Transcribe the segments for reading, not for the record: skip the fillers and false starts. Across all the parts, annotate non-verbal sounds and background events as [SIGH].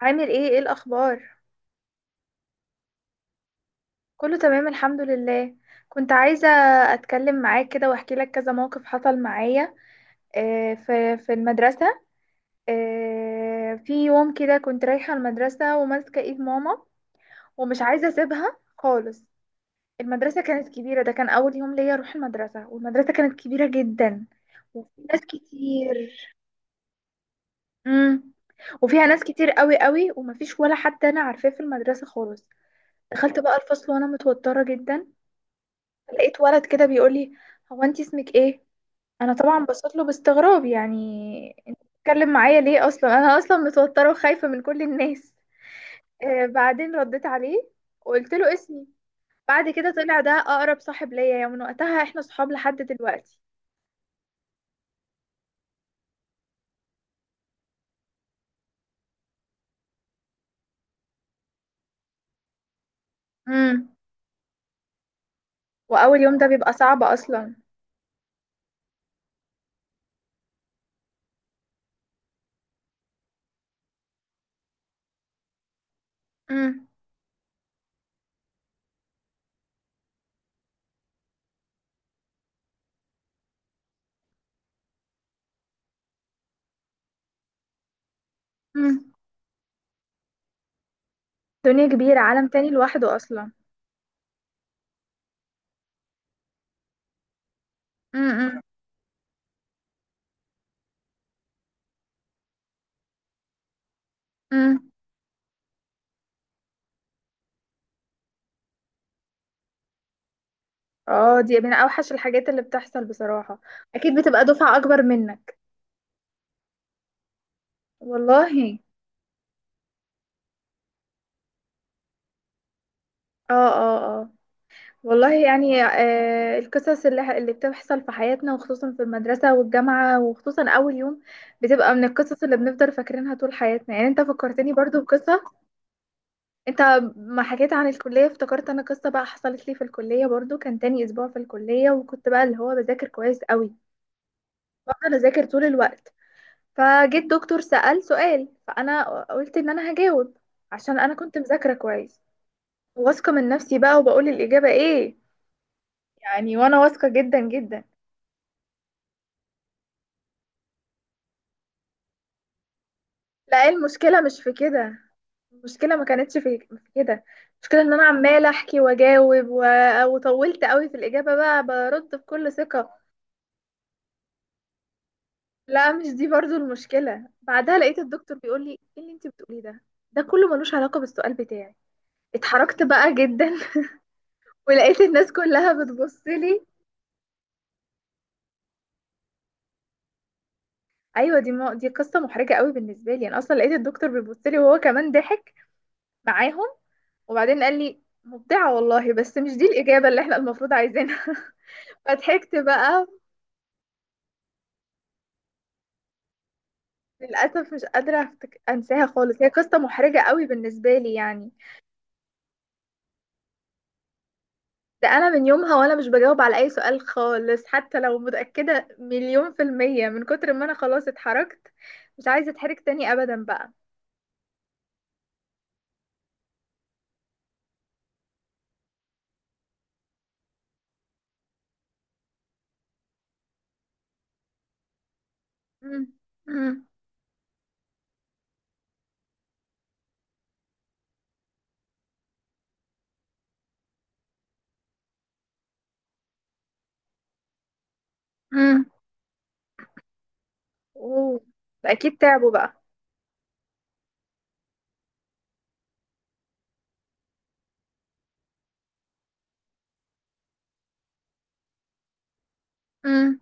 عامل ايه الاخبار؟ كله تمام، الحمد لله. كنت عايزه اتكلم معاك كده واحكي لك كذا موقف حصل معايا. في المدرسه. في يوم كده كنت رايحه المدرسه وماسكه ايد ماما، ومش عايزه اسيبها خالص. المدرسه كانت كبيره، ده كان اول يوم ليا اروح المدرسه، والمدرسه كانت كبيره جدا. وفي ناس كتير. امم وفيها ناس كتير قوي قوي، ومفيش ولا حد انا عارفاه في المدرسه خالص. دخلت بقى الفصل وانا متوتره جدا. لقيت ولد كده بيقول لي: هو انت اسمك ايه؟ انا طبعا بصيت له باستغراب، يعني انت بتتكلم معايا ليه؟ اصلا انا اصلا متوتره وخايفه من كل الناس. بعدين رديت عليه وقلت له اسمي. بعد كده طلع ده اقرب صاحب ليا، يعني من وقتها احنا صحاب لحد دلوقتي. امم واول يوم ده بيبقى صعب اصلا. امم امم دنيا كبيره، عالم تاني لوحده اصلا. امم، امم، اه، دي من اوحش الحاجات اللي بتحصل بصراحه. اكيد بتبقى دفعه اكبر منك. والله. اه، اه، اه. والله يعني، القصص اللي بتحصل في حياتنا، وخصوصا في المدرسة والجامعة، وخصوصا أول يوم، بتبقى من القصص اللي بنفضل فاكرينها طول حياتنا. يعني انت فكرتني برضو بقصة. انت ما حكيت عن الكلية افتكرت انا قصة بقى حصلت لي في الكلية برضو. كان تاني أسبوع في الكلية، وكنت بقى اللي هو بذاكر كويس قوي. بفضل أذاكر طول الوقت. فجيت دكتور سأل سؤال، فأنا قلت إن أنا هجاوب عشان أنا كنت مذاكرة كويس، واثقة من نفسي بقى، وبقول الإجابة ايه. يعني وانا واثقة جدا جدا. لا، إيه، المشكلة مش في كده. المشكلة ما كانتش في كده. المشكلة ان انا عمالة احكي واجاوب وطولت قوي في الاجابة، بقى برد بكل ثقة. لا، مش دي برضو المشكلة. بعدها لقيت الدكتور بيقول لي: ايه اللي انت بتقوليه ده؟ ده كله ملوش علاقة بالسؤال بتاعي. اتحركت بقى جدا. [LAUGHS] ولقيت الناس كلها بتبص لي. ايوه، دي قصة محرجة قوي بالنسبة لي. انا اصلا لقيت الدكتور بيبص لي، وهو كمان ضحك معاهم. وبعدين قال لي: مبدعة والله، بس مش دي الإجابة اللي احنا المفروض عايزينها. [LAUGHS] فضحكت بقى. للأسف مش قادرة أنساها خالص. هي قصة محرجة قوي بالنسبة لي يعني. ده أنا من يومها وأنا مش بجاوب على أي سؤال خالص، حتى لو متأكدة مليون في المية، من كتر ما أنا خلاص اتحركت. مش عايزة أتحرك تاني أبدا بقى. مم. مم. مم. أوه. أكيد تعبوا بقى. مم.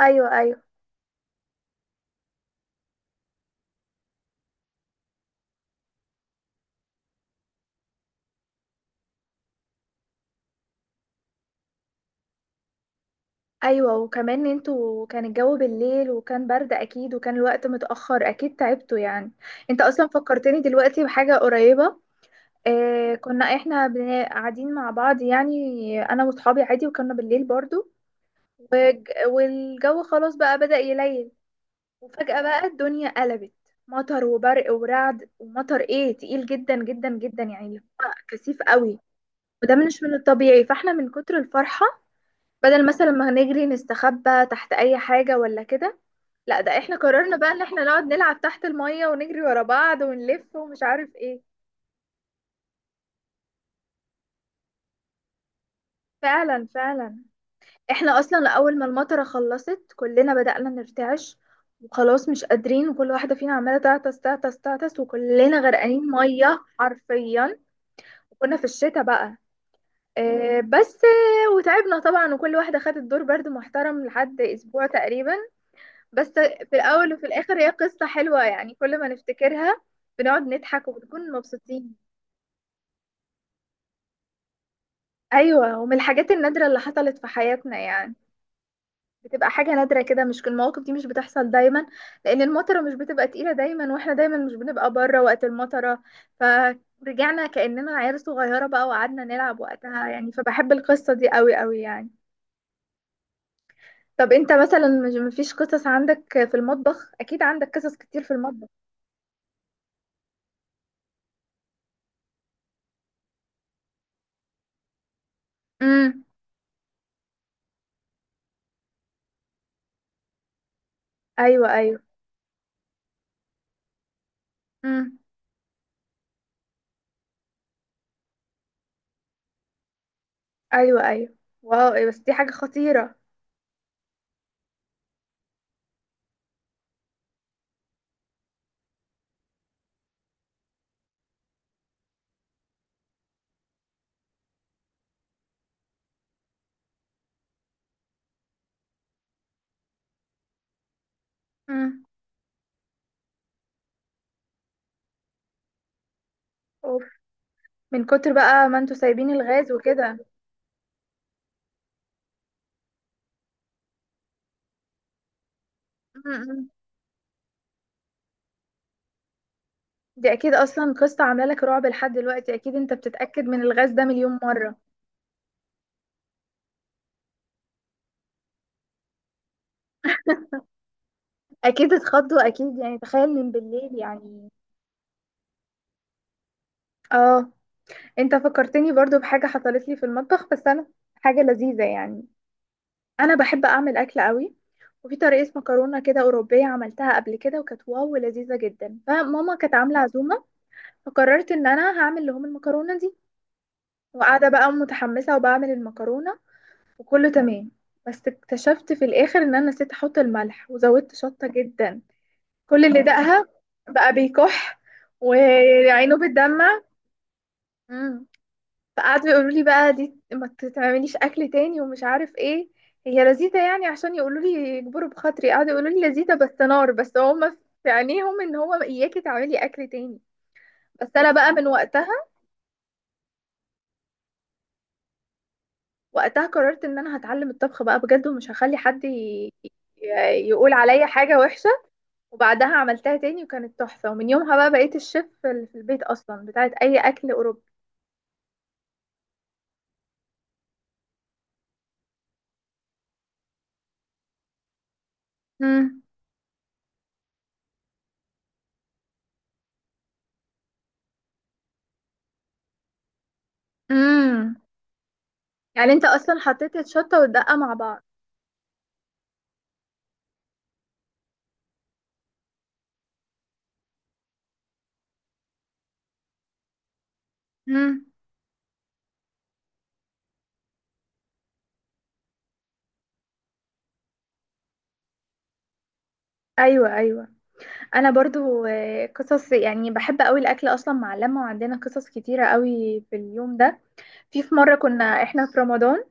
أيوه، أيوه. ايوه، وكمان انتوا كان الجو بالليل، وكان برد اكيد، وكان الوقت متأخر، اكيد تعبتوا يعني. انت اصلا فكرتني دلوقتي بحاجة قريبة. كنا احنا قاعدين مع بعض، يعني انا واصحابي عادي، وكنا بالليل برضو. والجو خلاص بقى بدأ يليل. وفجأة بقى الدنيا قلبت. مطر وبرق ورعد، ومطر ايه تقيل جدا جدا جدا، يعني اللي هو كثيف قوي. وده مش من الطبيعي، فاحنا من كتر الفرحة بدل مثلا ما هنجري نستخبى تحت اي حاجة ولا كده، لا، ده احنا قررنا بقى ان احنا نقعد نلعب تحت المية، ونجري ورا بعض، ونلف، ومش عارف ايه. فعلا، فعلا. احنا اصلا اول ما المطرة خلصت كلنا بدأنا نرتعش، وخلاص مش قادرين، وكل واحدة فينا عمالة تعطس تعطس تعطس، وكلنا غرقانين مية حرفيا. وكنا في الشتاء بقى. بس وتعبنا طبعا، وكل واحدة خدت دور برد محترم لحد اسبوع تقريبا. بس في الأول وفي الآخر هي قصة حلوة، يعني كل ما نفتكرها بنقعد نضحك وبنكون مبسوطين. أيوة، ومن الحاجات النادرة اللي حصلت في حياتنا يعني. بتبقى حاجة نادرة كده، مش كل المواقف دي مش بتحصل دايما. لأن المطرة مش بتبقى تقيلة دايما، واحنا دايما مش بنبقى بره وقت المطرة. فرجعنا كأننا عيال صغيرة بقى، وقعدنا نلعب وقتها، يعني فبحب القصة دي قوي قوي يعني. طب انت مثلا مش مفيش قصص عندك؟ في المطبخ اكيد عندك قصص كتير في المطبخ. امم. ايوه، ايوه، ايوه، ايوه. واو، إيه بس! دي حاجة خطيرة. امم. اوف. من كتر بقى ما انتوا سايبين الغاز وكده. امم دي اكيد اصلا قصة عاملة لك رعب لحد دلوقتي، اكيد انت بتتأكد من الغاز ده مليون مرة. اكيد اتخضوا، اكيد يعني، تخيل من بالليل يعني. اه. انت فكرتني برضو بحاجة حصلت لي في المطبخ، بس انا حاجة لذيذة يعني. انا بحب اعمل اكل قوي. وفي طريقة مكرونة كده أوروبية عملتها قبل كده وكانت واو لذيذة جدا. فماما كانت عاملة عزومة. فقررت إن أنا هعمل لهم المكرونة دي. وقاعدة بقى متحمسة وبعمل المكرونة، وكله تمام. بس اكتشفت في الآخر إن أنا نسيت أحط الملح وزودت شطة جدا. كل اللي دقها بقى بيكح، وعينه بتدمع مم. فقعدوا يقولوا لي بقى: دي ما تعمليش أكل تاني ومش عارف إيه. هي لذيذة، يعني عشان يقولوا لي، يجبروا بخاطري، قعدوا يقولوا لي لذيذة بس نار. بس هما في عينيهم إن هو إياكي تعملي أكل تاني. بس أنا بقى من وقتها، وقتها قررت ان انا هتعلم الطبخ بقى بجد، ومش هخلي حد يقول عليا حاجة وحشة. وبعدها عملتها تاني وكانت تحفة، ومن يومها بقى بقيت الشيف اللي في البيت اصلا بتاعت اي اكل اوروبي. امم امم يعني انت اصلا حطيت الشطة والدقة مع بعض؟ امم. ايوه، ايوه. انا برضو، قصص يعني. بحب قوي الاكل اصلا مع اللمه، وعندنا قصص كتيره قوي في اليوم ده. في مره كنا احنا في رمضان.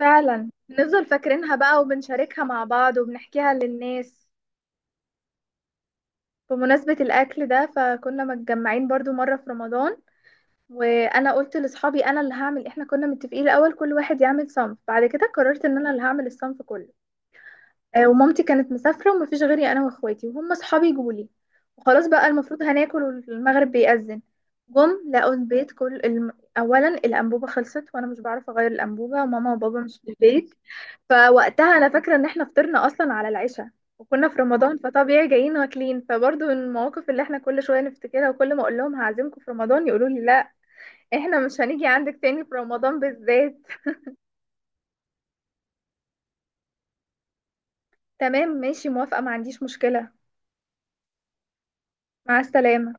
فعلا بنفضل فاكرينها بقى، وبنشاركها مع بعض، وبنحكيها للناس. بمناسبة الأكل ده، فكنا متجمعين برضو مرة في رمضان. وأنا قلت لأصحابي أنا اللي هعمل. إحنا كنا متفقين الأول كل واحد يعمل صنف، بعد كده قررت إن أنا اللي هعمل الصنف كله. ومامتي كانت مسافرة ومفيش غيري أنا وإخواتي، وهم أصحابي جولي. وخلاص بقى المفروض هناكل والمغرب بيأذن. جم لقوا البيت أولا الأنبوبة خلصت، وأنا مش بعرف أغير الأنبوبة، وماما وبابا مش في البيت. فوقتها أنا فاكرة إن إحنا فطرنا أصلا على العشاء. وكنا في رمضان فطبيعي جايين واكلين. فبرضه من المواقف اللي احنا كل شوية نفتكرها، وكل ما اقول لهم هعزمكم في رمضان يقولوا لي: لا، احنا مش هنيجي عندك تاني في رمضان بالذات. تمام، ماشي، موافقة، ما عنديش مشكلة. مع السلامة.